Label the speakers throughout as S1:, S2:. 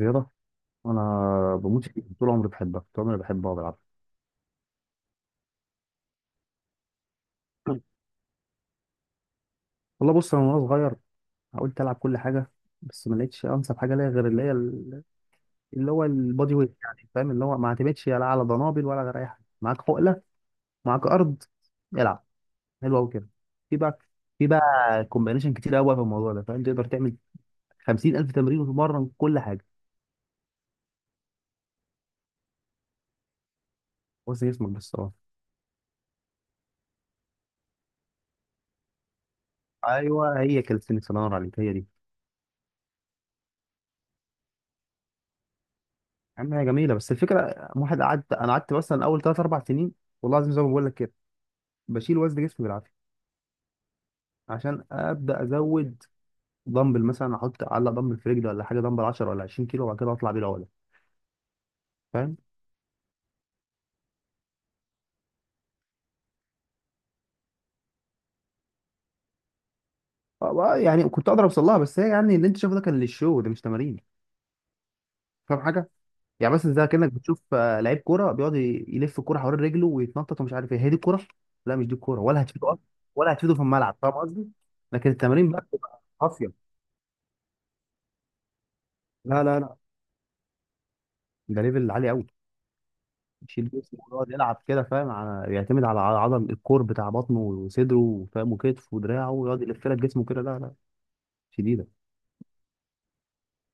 S1: رياضة. أنا بموت فيها طول عمري بحبها، طول عمري بحبها وبلعبها. والله بص أنا وأنا صغير حاولت ألعب كل حاجة، بس ما لقيتش أنسب حاجة ليا غير اللي هو البادي ويت، يعني فاهم اللي هو ما اعتمدش لا على ضنابل ولا غير أي حاجة. معاك حقلة، معاك أرض، العب. حلو أوي كده. في بقى في بقى كومبينيشن كتير أوي في الموضوع ده، فاهم، تقدر تعمل 50,000 تمرين وتتمرن كل حاجة. بس جسمك بس، أه. أيوه هي كالستنكس، الله ينور عليك، هي دي. عم هي جميله، بس الفكره واحد قعدت، انا قعدت مثلا اول 3 4 سنين، والله العظيم زي ما بقول لك كده، بشيل وزن جسمي بالعافيه عشان ابدا ازود. دمبل مثلا، احط اعلق دمبل في رجلي ولا حاجه، دمبل 10 ولا 20 كيلو، وبعد كده اطلع بيه العقله. فاهم. يعني كنت اقدر اوصل لها، بس هي يعني اللي انت شايفه ده كان للشو، ده مش تمارين. فاهم حاجه، يعني مثلا زي كانك بتشوف لعيب كوره بيقعد يلف الكوره حوالين رجله ويتنطط، ومش عارف ايه هي دي الكوره. لا مش دي الكوره، ولا هتفيده اصلا، ولا هتفيده في الملعب، فاهم قصدي. لكن التمارين بقى بتبقى قاسيه. لا لا لا، ده ليفل عالي قوي، يشيل جسمه ويقعد يلعب كده، فاهم، على يعتمد على عضل الكور بتاع بطنه وصدره، وفاهم، وكتف ودراعه، ويقعد يلف لك جسمه كده. لا لا، شديدة.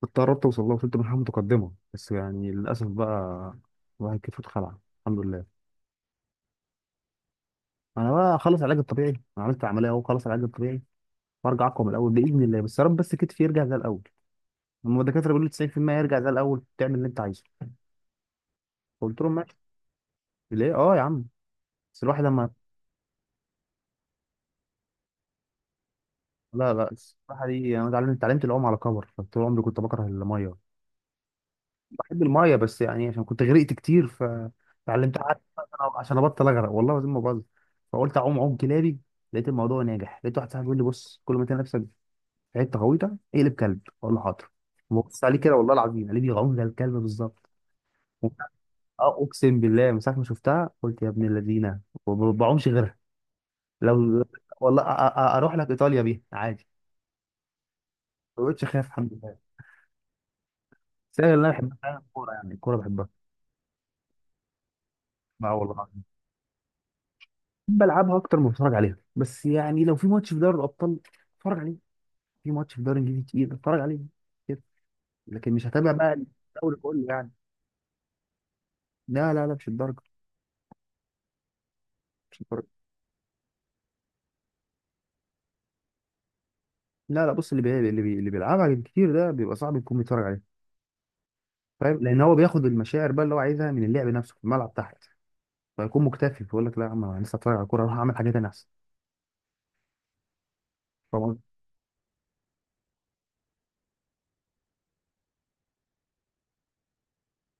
S1: كنت قربت أوصل لها، وصلت مرحلة متقدمة، بس يعني للأسف بقى الواحد كتفه اتخلع، الحمد لله. أنا بقى أخلص العلاج الطبيعي، أنا عملت عملية أهو، خلص العلاج الطبيعي وأرجع أقوى من الأول بإذن الله، بس يا رب بس كتفي يرجع زي الأول. هما الدكاترة بيقولوا لي 90% يرجع زي الأول، تعمل اللي أنت عايزه. قلت لهم ماشي. ليه؟ أه يا عم. بس الواحد لما. لا لا، الصراحة دي أنا اتعلمت العوم على كبر، فطول عمري كنت بكره المية. بحب المايه، بس يعني عشان كنت غرقت كتير فتعلمت، قعدت فترة عشان ابطل اغرق، والله العظيم ما بهزر. فقلت اعوم عوم كلابي، لقيت الموضوع ناجح، لقيت واحد صاحبي بيقول لي بص، كل ما تلاقي نفسك في حته غويطه اقلب كلب. اقول له حاضر، ببص عليه كده، والله العظيم قال لي بيعوم زي الكلب بالظبط. اه اقسم بالله، من ساعه ما شفتها قلت يا ابن الذين ما بعومش غيرها. لو والله، اروح لك ايطاليا بيها عادي. ما بقتش اخاف، الحمد لله. بس أنا اللي انا بحبها فعلا الكوره، يعني الكوره بحبها. اه والله، بلعبها اكتر ما بتفرج عليها. بس يعني لو في ماتش في دوري الابطال اتفرج عليه، في ماتش في دوري انجليزي تقيل اتفرج عليه كده، لكن مش هتابع بقى الدوري كله يعني. لا لا لا، مش الدرجه، مش الدرجه. لا لا، بص اللي بيلعبها كتير ده بيبقى صعب يكون بيتفرج عليه، فاهم، لان هو بياخد المشاعر بقى اللي هو عايزها من اللعب نفسه في الملعب تحت، فيكون مكتفي، فيقول لك لا يا عم انا لسه اتفرج على الكوره، اروح اعمل حاجات تانية احسن. فاهم قصدي؟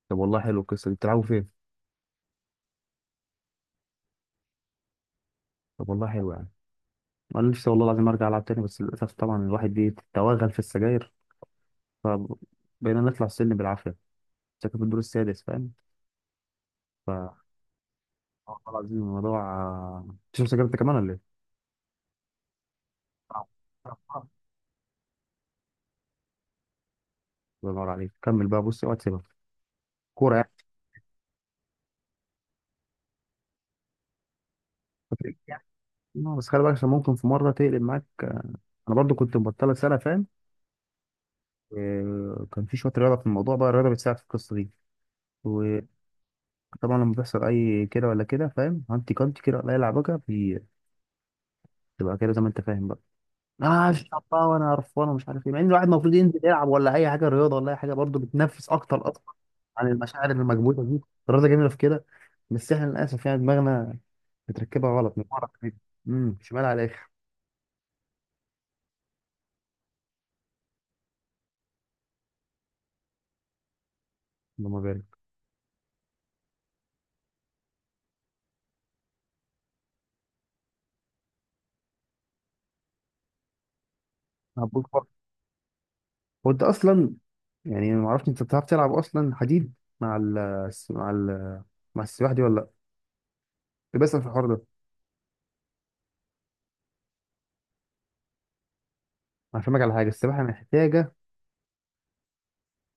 S1: طب والله حلو القصه دي، بتلعبوا فين؟ طب والله حلو يعني. انا نفسي والله العظيم ارجع العب تاني، بس للاسف طبعا الواحد بيتوغل في السجاير، فبقينا نطلع السلم بالعافية. ساكن في الدور السادس، فاهم. ف والله العظيم الموضوع. تشرب سجاير انت كمان ولا ايه؟ آه. الله ينور عليك كمل بقى، بص اوعى تسيبها. كورة يعني. فاكر؟ يعني. بس خلي بالك عشان ممكن في مرة تقلب معاك. انا برضو كنت مبطلة سنة، فاهم. كان في شوية رياضة في الموضوع، بقى الرياضة بتساعد في القصة دي. وطبعا لما بيحصل اي كده ولا كده، فاهم، هانتي كانتي كده، ولا اي لعبكة بتبقى كده زي ما انت فاهم بقى. اه الشعب بقى، وانا قرفان ومش عارف ايه، مع ان الواحد المفروض ينزل يلعب ولا اي حاجه رياضه، ولا اي حاجه برضه بتنفس اكتر اصلا عن المشاعر المكبوته دي. الرياضه جميله في كده، بس احنا للاسف يعني دماغنا متركبه غلط من ورا كده. شمال على الاخر. اللهم بارك. هبوط خالص. هو انت اصلا، يعني ما اعرفش انت بتعرف تلعب اصلا حديد مع ال مع مع السباحه دي ولا؟ لا، بس في الحوار ده هفهمك على حاجه. السباحه محتاجه،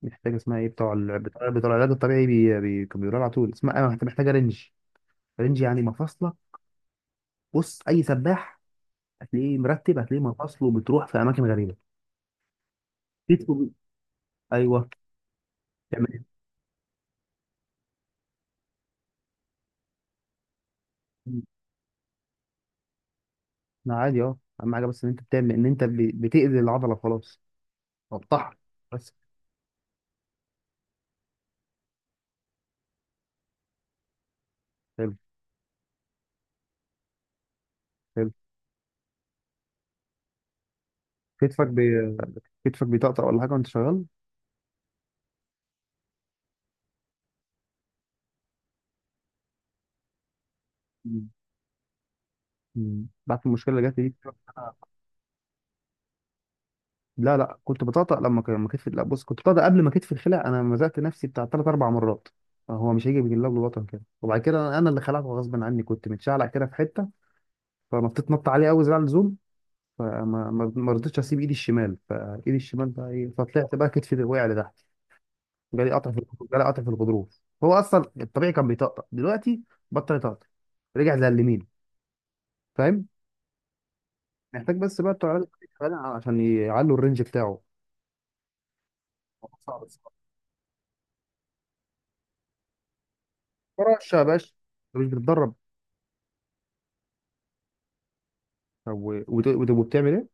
S1: محتاجه اسمها ايه، بتوع ال- بتوع بتوع العلاج الطبيعي كانوا بيقولوا لها على طول اسمها، محتاجه رنج، رينج، يعني مفاصله. بص اي سباح هتلاقيه مرتب، هتلاقيه مفاصله بتروح في اماكن غريبه. كتفه بي- ايوه. تعمل إيه؟ لا عادي، اه، اهم حاجه بس ان انت بتعمل ان انت بتاذي العضله خلاص، قطعها بس. حلو حلو. كتفك بي... كتفك بيطقطق ولا حاجه وانت شغال؟ مم. مم. بعد المشكله اللي جات لي دي. لا لا، كنت بطقطق لما كتفي، لا بص، كنت بطقطق قبل ما كتفي الخلع، انا مزقت نفسي بتاع ثلاث اربع مرات، هو مش هيجي بالله بالوطن كده. وبعد كده انا اللي خلعته غصب عني، كنت متشعلق كده في حته فنطيت نط عليه قوي زي على اللزوم، فما ما ما رضيتش اسيب ايدي الشمال، فايدي الشمال بقى ايه، فطلعت بقى كتفي وقع لتحت. جالي قطع في جالي قطع في الغضروف. هو اصلا الطبيعي كان بيطقطق، دلوقتي بطل يطقطق، رجع زي اليمين، فاهم. محتاج بس بقى بتوع العلاج الطبيعي عشان يعلوا الرينج بتاعه. صعب الصراحة. فرش يا باشا، انت مش بتتدرب. طب وبتعمل ايه؟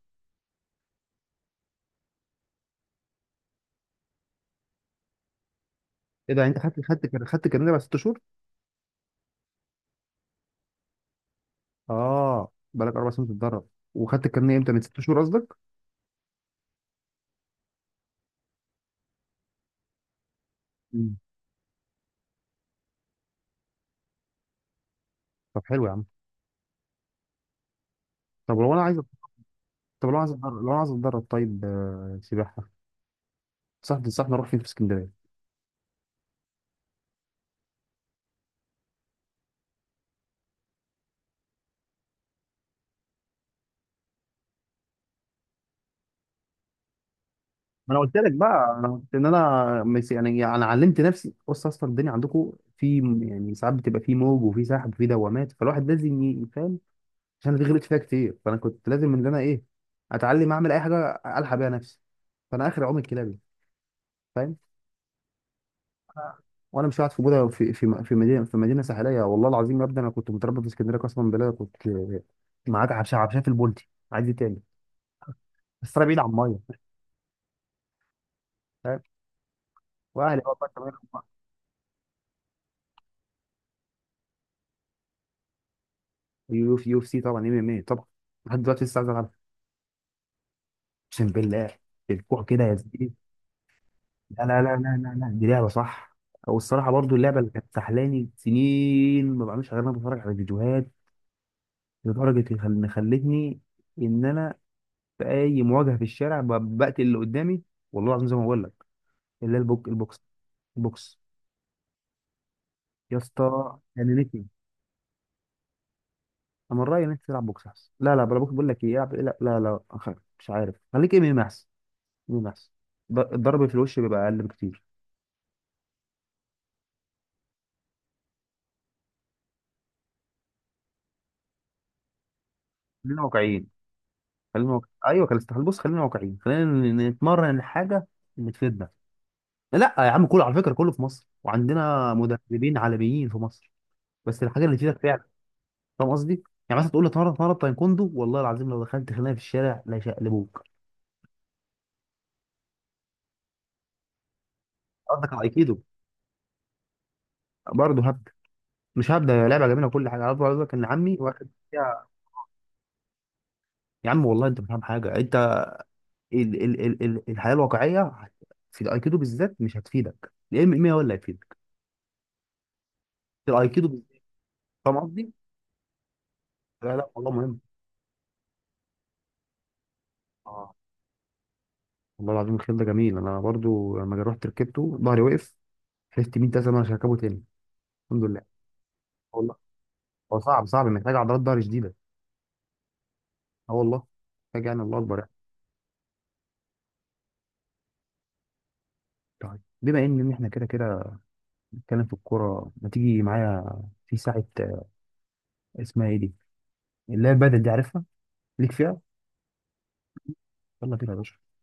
S1: ايه ده انت خدت الكارنيه بعد ست شهور؟ اه بقالك اربع سنين بتتدرب، وخدت الكارنيه امتى، من ست شهور قصدك؟ مم. طب حلو يا عم. طب لو انا عايز طب لو عايز اتدرب لو عايز اتدرب طيب، سباحه، صح. تنصحني اروح فين في اسكندريه؟ ما انا قلت لك بقى، انا قلت ان انا يعني انا علمت نفسي. بص اصلا الدنيا عندكم في يعني ساعات بتبقى في موج وفي سحب وفي دوامات، فالواحد لازم يفهم، عشان أنا دي غلطت فيها كتير، فانا كنت لازم ان انا ايه، اتعلم اعمل اي حاجه الحق بيها نفسي، فانا اخر عوم الكلابي، فاهم. أنا- وانا مش قاعد في بودا، في مدينه ساحليه، والله العظيم يا ابني انا كنت متربى في اسكندريه قسما بالله، كنت معاك عبشه، عبشه في البولتي، عايز إيه تاني؟ بس انا بعيد عن الميه، فاهم. واهلي بقى بطل منهم بقى. كمان يو اف، يو اف سي طبعا، ام ام اي طبعا، لحد دلوقتي لسه عايز العب، اقسم بالله. الكوع كده يا زميلي. لا لا لا لا لا لا، دي لعبه صح، والصراحه برضو اللعبه اللي كانت سحلاني سنين، ما بعملش غير إن انا بتفرج على فيديوهات، لدرجه ان إن خلتني ان انا في اي مواجهه في الشارع بقتل اللي قدامي، والله العظيم زي ما بقول لك. اللي هي البوكس. يا اسطى جننتني، انا من رايي ان انت تلعب بوكس احسن. لا لا بلا بوكس، بقول لك ايه، العب لا لا, لا. مش عارف خليك ام ام احسن. مين احسن؟ الضرب في الوش بيبقى اقل بكتير. خلينا واقعيين، ايوه كان استحال، بص خلينا واقعيين، خلينا نتمرن حاجه اللي تفيدنا. لا يا عم كله على فكره، كله في مصر، وعندنا مدربين عالميين في مصر، بس الحاجه اللي تفيدك فعلا، فاهم قصدي؟ يعني مثلا تقول لي اتمرن، اتمرن تايكوندو، والله العظيم لو دخلت خناقه في الشارع لا يشقلبوك. قصدك على ايكيدو. برضه هبدا، مش هبدا، هي لعبه جميله وكل حاجه، عايز اقول لك ان عمي واخد فيها. يا عم والله انت مش فاهم حاجه انت، ال الحياه الواقعيه في الايكيدو بالذات مش هتفيدك، الام ام هو اللي هيفيدك، في الايكيدو بالذات، فاهم قصدي؟ لا لا والله مهم. اه. والله العظيم الخيل ده جميل، انا برضو لما رحت ركبته ظهري وقف، حلفت 100 سنه مش هركبه تاني. الحمد لله، والله. هو صعب صعب، محتاج عضلات ظهر شديده. اه والله، محتاج يعني، الله اكبر يعني. طيب بما ان احنا كده كده بنتكلم في الكوره، ما تيجي معايا في ساعه، اسمها ايه دي، اللي هي البدل دي، عارفها؟ ليك فيها. يلا بينا يا باشا.